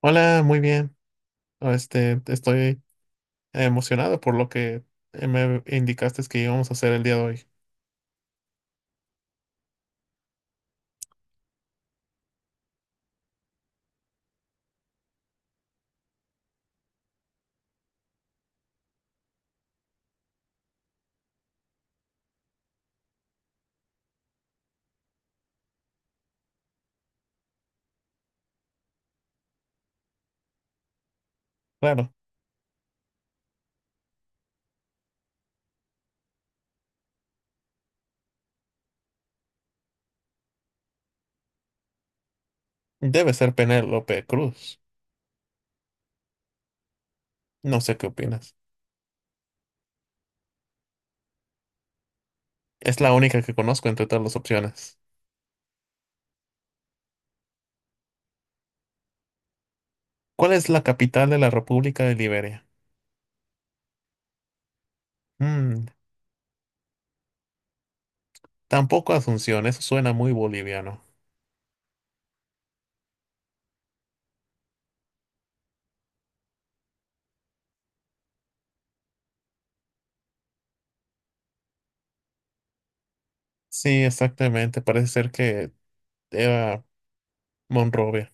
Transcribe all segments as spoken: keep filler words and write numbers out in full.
Hola, muy bien. Este, estoy emocionado por lo que eh, me indicaste que íbamos a hacer el día de hoy. Claro, debe ser Penélope Cruz. No sé qué opinas. Es la única que conozco entre todas las opciones. ¿Cuál es la capital de la República de Liberia? Mm, Tampoco Asunción, eso suena muy boliviano. Sí, exactamente, parece ser que era Monrovia.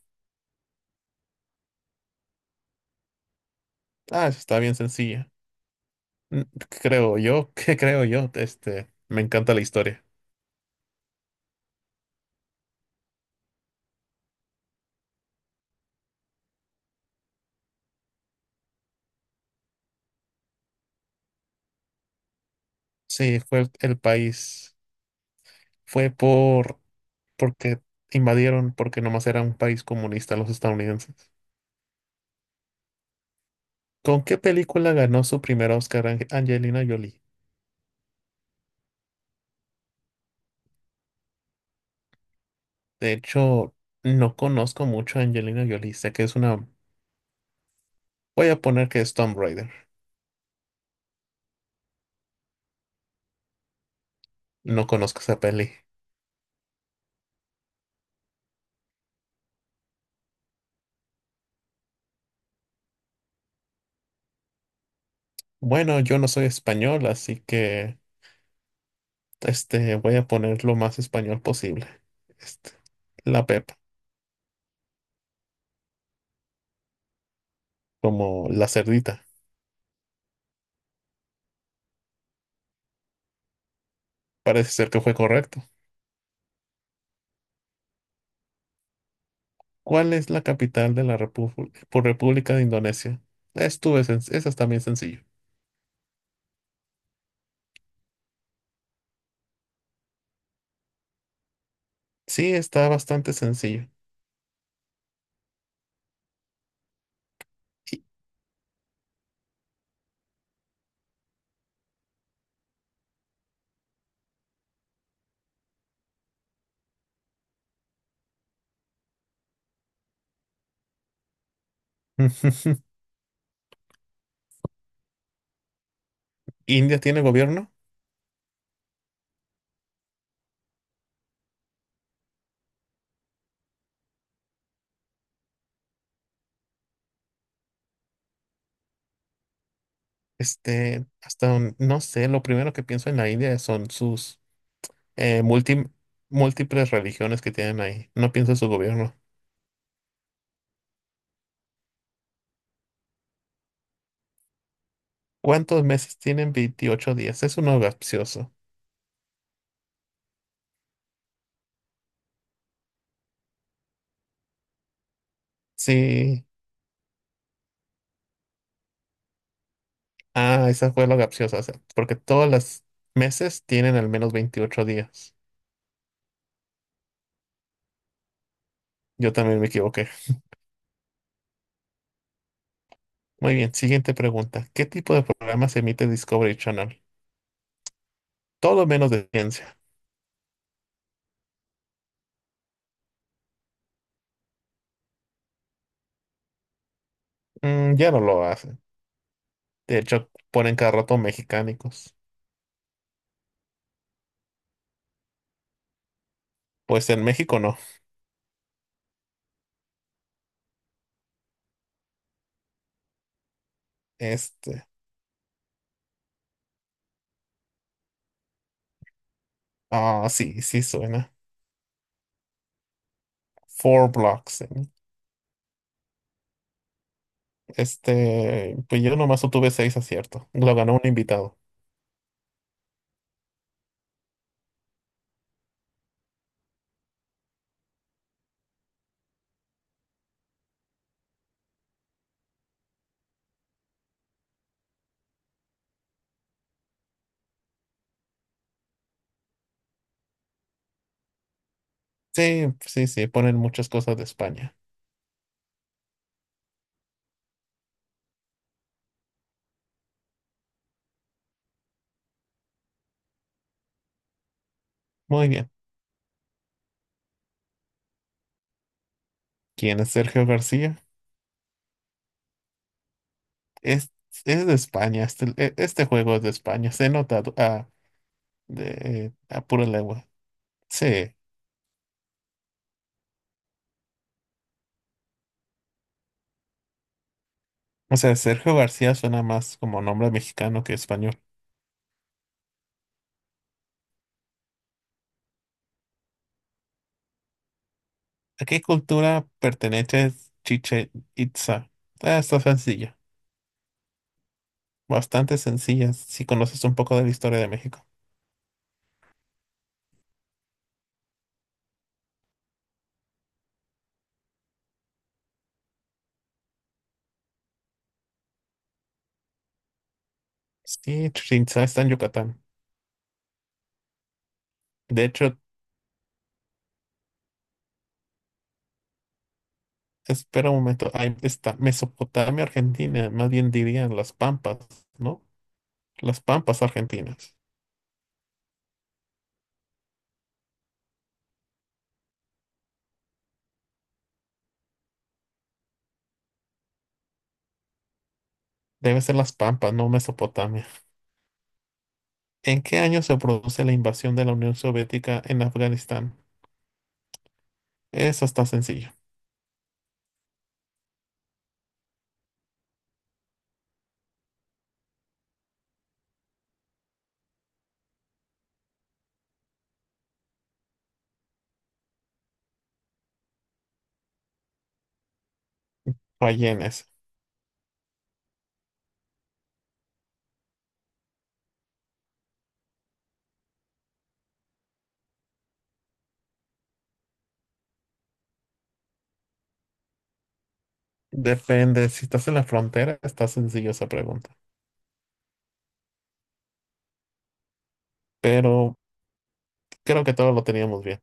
Ah, eso está bien sencilla. Mm, Creo yo, que creo yo, este, me encanta la historia. Sí, fue el país. Fue por porque invadieron, porque nomás era un país comunista los estadounidenses. ¿Con qué película ganó su primer Oscar Ange- Angelina Jolie? De hecho, no conozco mucho a Angelina Jolie. Sé que es una... Voy a poner que es Tomb Raider. No conozco esa peli. Bueno, yo no soy español, así que este, voy a poner lo más español posible. Este, la Pepa, como la cerdita. Parece ser que fue correcto. ¿Cuál es la capital de la Repu- por República de Indonesia? Estuve, esa es también sencillo. Sí, está bastante sencillo. I- ¿India tiene gobierno? Este, hasta un- no sé, lo primero que pienso en la India son sus eh, multi- múltiples religiones que tienen ahí. No pienso en su gobierno. ¿Cuántos meses tienen veintiocho días? Es uno capcioso. Sí, ah, esa fue la capciosa, o sea, porque todos los meses tienen al menos veintiocho días. Yo también me equivoqué. Muy bien, siguiente pregunta. ¿Qué tipo de programas emite Discovery Channel? Todo menos de ciencia. Mm, ya no lo hacen. De hecho, ponen cada rato mexicánicos. Pues en México no. Este. Ah, sí, sí suena. Four Blocks. ¿Eh? Este. Pues yo nomás obtuve seis aciertos. Lo ganó un invitado. Sí, sí, sí. Ponen muchas cosas de España. Muy bien. ¿Quién es Sergio García? Es, es de España. Este, e- este juego es de España. Se nota a, a- de, a pura lengua. Sí. O sea, Sergio García suena más como nombre mexicano que español. ¿A qué cultura pertenece Chichen Itza? Ah, está sencilla, bastante sencilla si conoces un poco de la historia de México. Sí, Chichen Itza está en Yucatán. De hecho, espera un momento, ahí está Mesopotamia, Argentina, más bien dirían las Pampas, ¿no? Las Pampas argentinas. Debe ser las Pampas, no Mesopotamia. ¿En qué año se produce la invasión de la Unión Soviética en Afganistán? Eso está sencillo. Rellenes. Depende, si estás en la frontera, está sencillo esa pregunta. Pero creo que todos lo teníamos bien.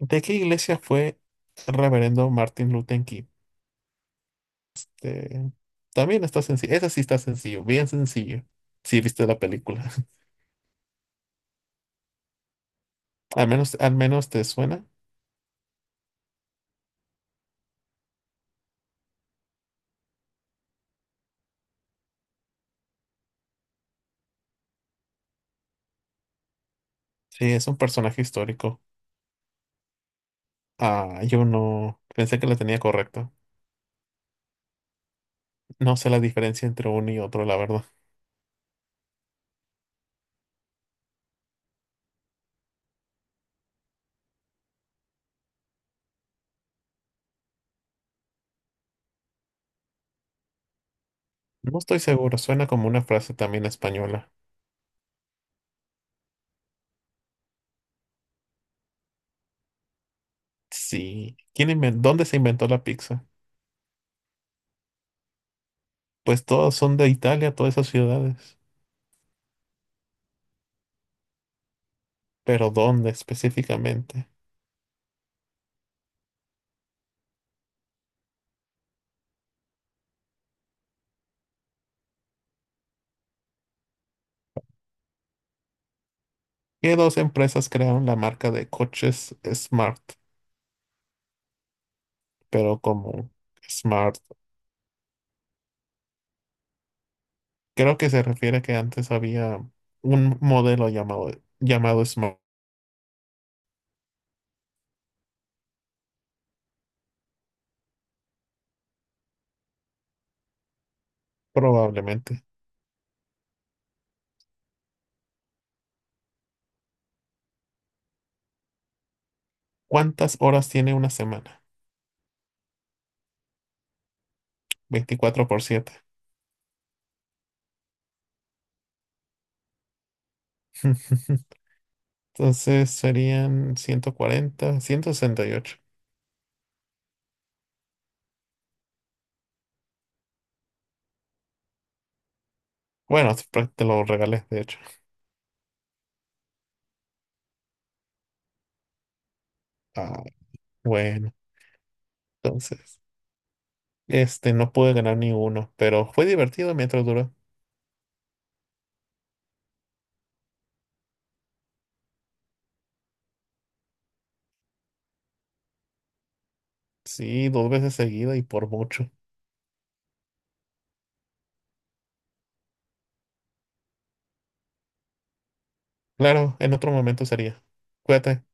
¿De qué iglesia fue el reverendo Martin Luther King? De- También está sencillo. Esa sí está sencillo, bien sencillo. Si viste la película. Al menos, al menos te suena. Sí, es un personaje histórico. Ah, yo no pensé que la tenía correcta. No sé la diferencia entre uno y otro, la verdad. No estoy seguro, suena como una frase también española. Sí. ¿Quién inven- ¿Dónde se inventó la pizza? Pues todas son de Italia, todas esas ciudades. Pero ¿dónde específicamente? ¿Qué dos empresas crearon la marca de coches Smart? Pero como Smart, creo que se refiere a que antes había un modelo llamado, llamado Smart, probablemente. ¿Cuántas horas tiene una semana? Veinticuatro por siete. Entonces serían ciento cuarenta, ciento sesenta y ocho. Bueno, es pra- te lo regalé, de hecho. Ah, bueno, entonces, este, no pude ganar ni uno, pero fue divertido mientras duró. Sí, dos veces seguida y por mucho. Claro, en otro momento sería. Cuídate.